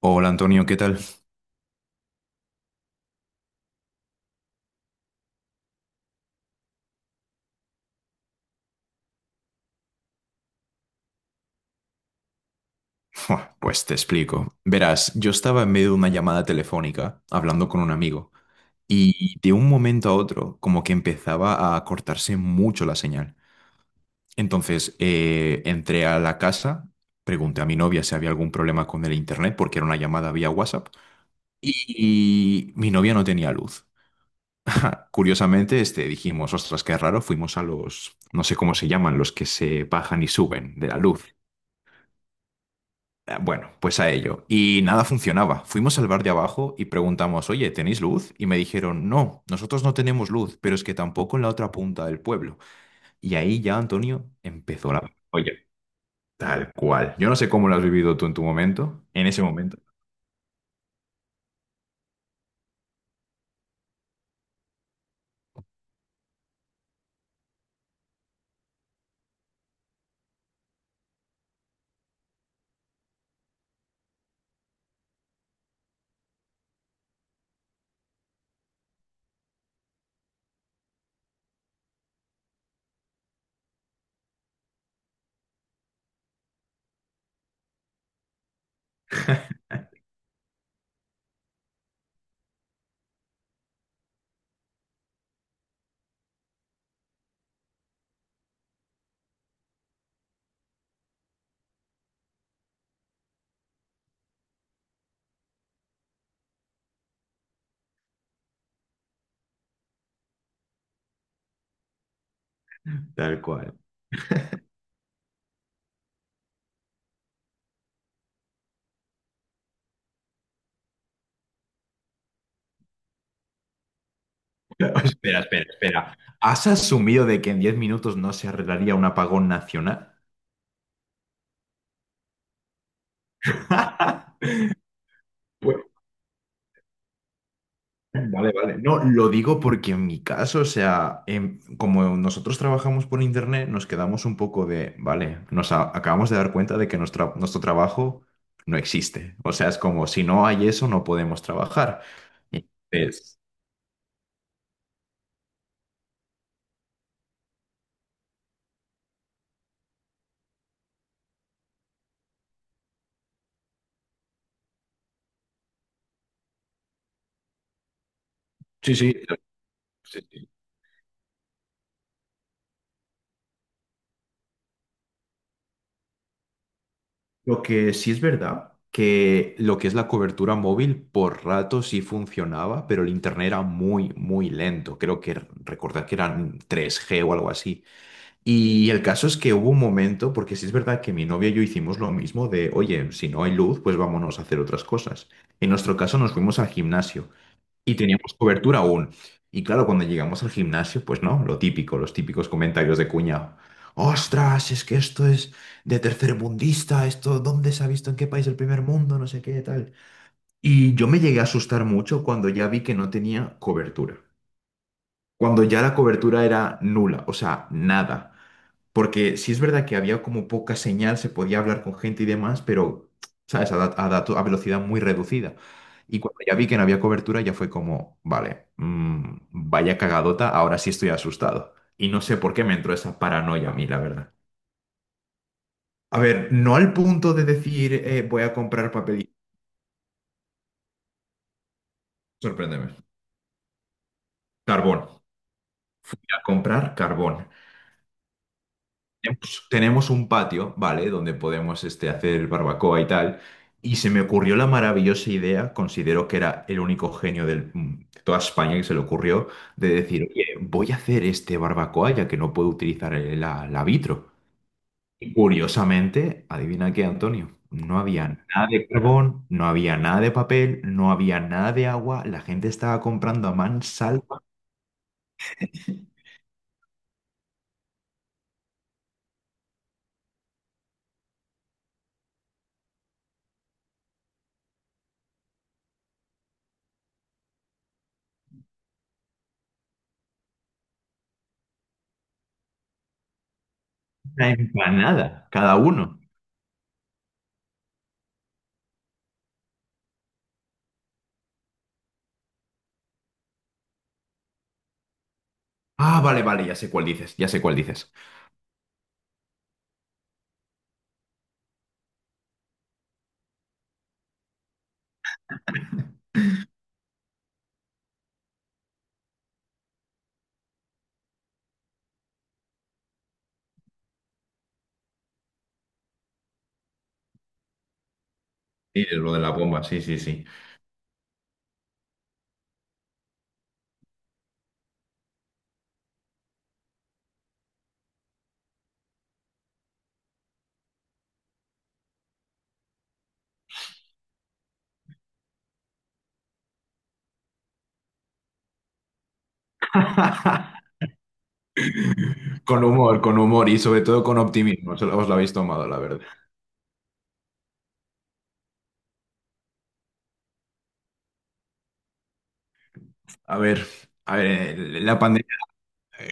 Hola Antonio, ¿qué tal? Buah, pues te explico. Verás, yo estaba en medio de una llamada telefónica hablando con un amigo y de un momento a otro como que empezaba a cortarse mucho la señal. Entonces entré a la casa, pregunté a mi novia si había algún problema con el internet porque era una llamada vía WhatsApp y mi novia no tenía luz. Curiosamente, este, dijimos, ostras, qué raro, fuimos a los, no sé cómo se llaman, los que se bajan y suben de la luz. Bueno, pues a ello. Y nada funcionaba. Fuimos al bar de abajo y preguntamos, oye, ¿tenéis luz? Y me dijeron, no, nosotros no tenemos luz, pero es que tampoco en la otra punta del pueblo. Y ahí ya, Antonio, empezó la. Oye, tal cual. Yo no sé cómo lo has vivido tú en tu momento, en ese momento. Tal cual. Espera, espera, espera. ¿Has asumido de que en 10 minutos no se arreglaría un apagón nacional? Bueno, vale, vale. No, lo digo porque en mi caso, o sea, como nosotros trabajamos por internet, nos quedamos un poco de, vale, nos acabamos de dar cuenta de que nuestro trabajo no existe. O sea, es como, si no hay eso, no podemos trabajar. Entonces, sí, sí, sí, sí. Lo que sí es verdad, que lo que es la cobertura móvil por rato sí funcionaba, pero el internet era muy, muy lento. Creo que recordar que eran 3G o algo así. Y el caso es que hubo un momento, porque sí es verdad que mi novia y yo hicimos lo mismo de, oye, si no hay luz, pues vámonos a hacer otras cosas. En nuestro caso nos fuimos al gimnasio y teníamos cobertura aún. Y claro, cuando llegamos al gimnasio, pues no, lo típico, los típicos comentarios de cuñado. Ostras, es que esto es de tercermundista, esto, ¿dónde se ha visto en qué país del primer mundo? No sé qué, tal. Y yo me llegué a asustar mucho cuando ya vi que no tenía cobertura. Cuando ya la cobertura era nula, o sea, nada. Porque sí es verdad que había como poca señal, se podía hablar con gente y demás, pero, ¿sabes? A, da- a dato- a velocidad muy reducida. Y cuando ya vi que no había cobertura, ya fue como, vale, vaya cagadota, ahora sí estoy asustado. Y no sé por qué me entró esa paranoia a mí, la verdad. A ver, no al punto de decir, voy a comprar papel. Sorpréndeme. Carbón. Voy a comprar carbón. Tenemos un patio, ¿vale? Donde podemos este, hacer barbacoa y tal. Y se me ocurrió la maravillosa idea, considero que era el único genio de toda España que se le ocurrió, de decir, oye, voy a hacer este barbacoa ya que no puedo utilizar la vitro. Y curiosamente, adivina qué, Antonio, no había nada de carbón, no había nada de papel, no había nada de agua, la gente estaba comprando a mansalva una empanada, cada uno. Ah, vale, vale, ya sé cuál dices, ya sé cuál dices. Sí, lo de la bomba, sí, sí, sí. Con humor y sobre todo con optimismo. Se os lo habéis tomado, la verdad. A ver, a ver, la pandemia.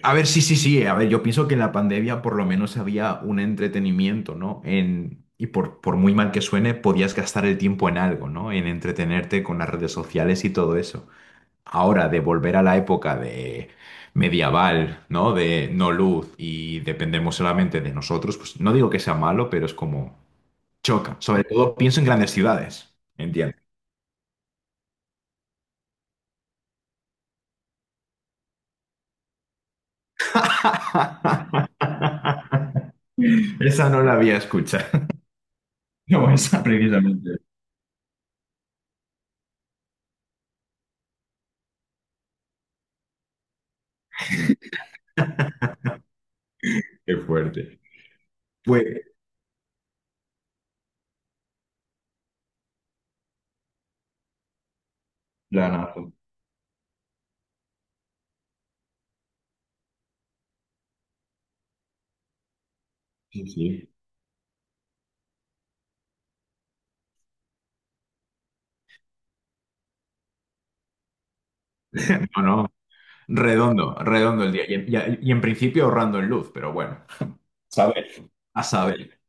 A ver, sí, sí, sí. A ver, yo pienso que en la pandemia por lo menos había un entretenimiento, ¿no? En, y por muy mal que suene, podías gastar el tiempo en algo, ¿no? En entretenerte con las redes sociales y todo eso. Ahora, de volver a la época de medieval, ¿no? De no luz y dependemos solamente de nosotros, pues no digo que sea malo, pero es como. Choca. Sobre todo pienso en grandes ciudades. Entiendo. Esa no la había escuchado. No, esa precisamente. Qué fuerte. Pues, planazo. Sí, sí. No, no. Redondo, redondo el día. Y en principio ahorrando en luz, pero bueno, Saber. A saber.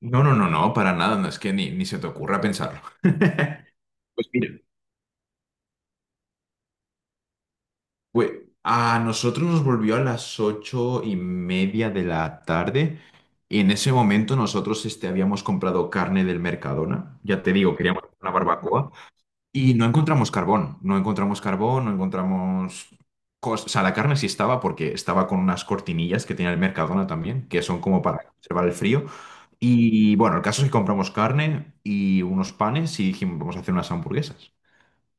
No, no, no, no, para nada. No es que ni se te ocurra pensarlo. Pues mira, pues a nosotros nos volvió a las 8:30 de la tarde y en ese momento nosotros este, habíamos comprado carne del Mercadona, ya te digo, queríamos una barbacoa y no encontramos carbón, no encontramos carbón, no encontramos... cos- O sea, la carne sí estaba porque estaba con unas cortinillas que tenía el Mercadona también, que son como para conservar el frío. Y bueno, el caso es que compramos carne y unos panes y dijimos, vamos a hacer unas hamburguesas.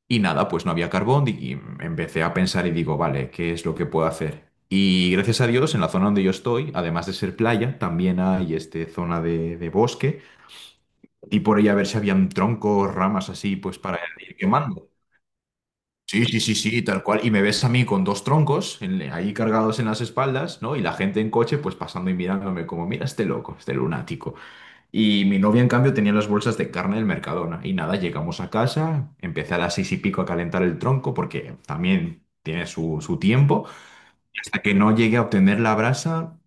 Y nada, pues no había carbón y empecé a pensar y digo, vale, ¿qué es lo que puedo hacer? Y gracias a Dios, en la zona donde yo estoy, además de ser playa, también hay este zona de bosque y por ahí a ver si habían troncos, ramas así, pues para ir quemando. Sí, sí, sí, sí, tal cual. Y me ves a mí con dos troncos ahí cargados en las espaldas, ¿no? Y la gente en coche, pues pasando y mirándome como, mira este loco, este lunático. Y mi novia, en cambio, tenía las bolsas de carne del Mercadona. Y nada, llegamos a casa, empecé a las 6 y pico a calentar el tronco porque también tiene su tiempo. Y hasta que no llegué a obtener la brasa,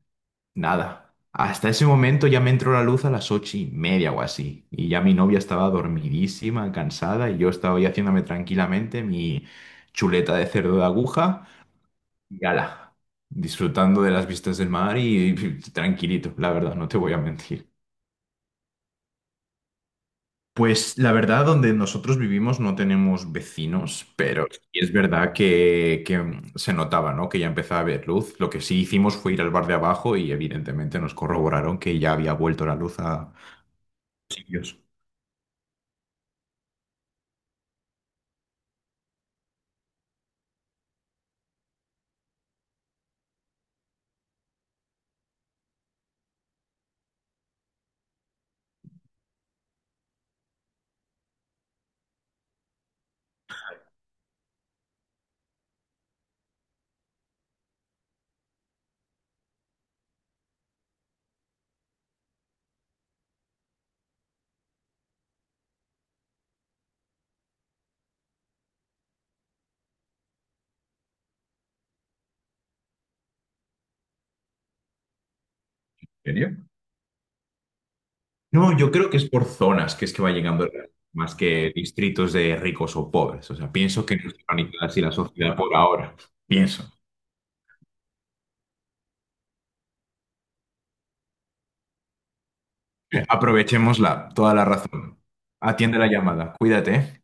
nada. Hasta ese momento ya me entró la luz a las 8:30 o así. Y ya mi novia estaba dormidísima, cansada, y yo estaba ahí haciéndome tranquilamente mi chuleta de cerdo de aguja y ala, disfrutando de las vistas del mar y tranquilito, la verdad, no te voy a mentir. Pues la verdad, donde nosotros vivimos no tenemos vecinos, pero sí es verdad que se notaba, ¿no? Que ya empezaba a haber luz. Lo que sí hicimos fue ir al bar de abajo y evidentemente nos corroboraron que ya había vuelto la luz a sitios. ¿En serio? No, yo creo que es por zonas que es que va llegando más que distritos de ricos o pobres. O sea, pienso que no está organizada así la sociedad por ahora. Pienso. Aprovechémosla, toda la razón. Atiende la llamada. Cuídate.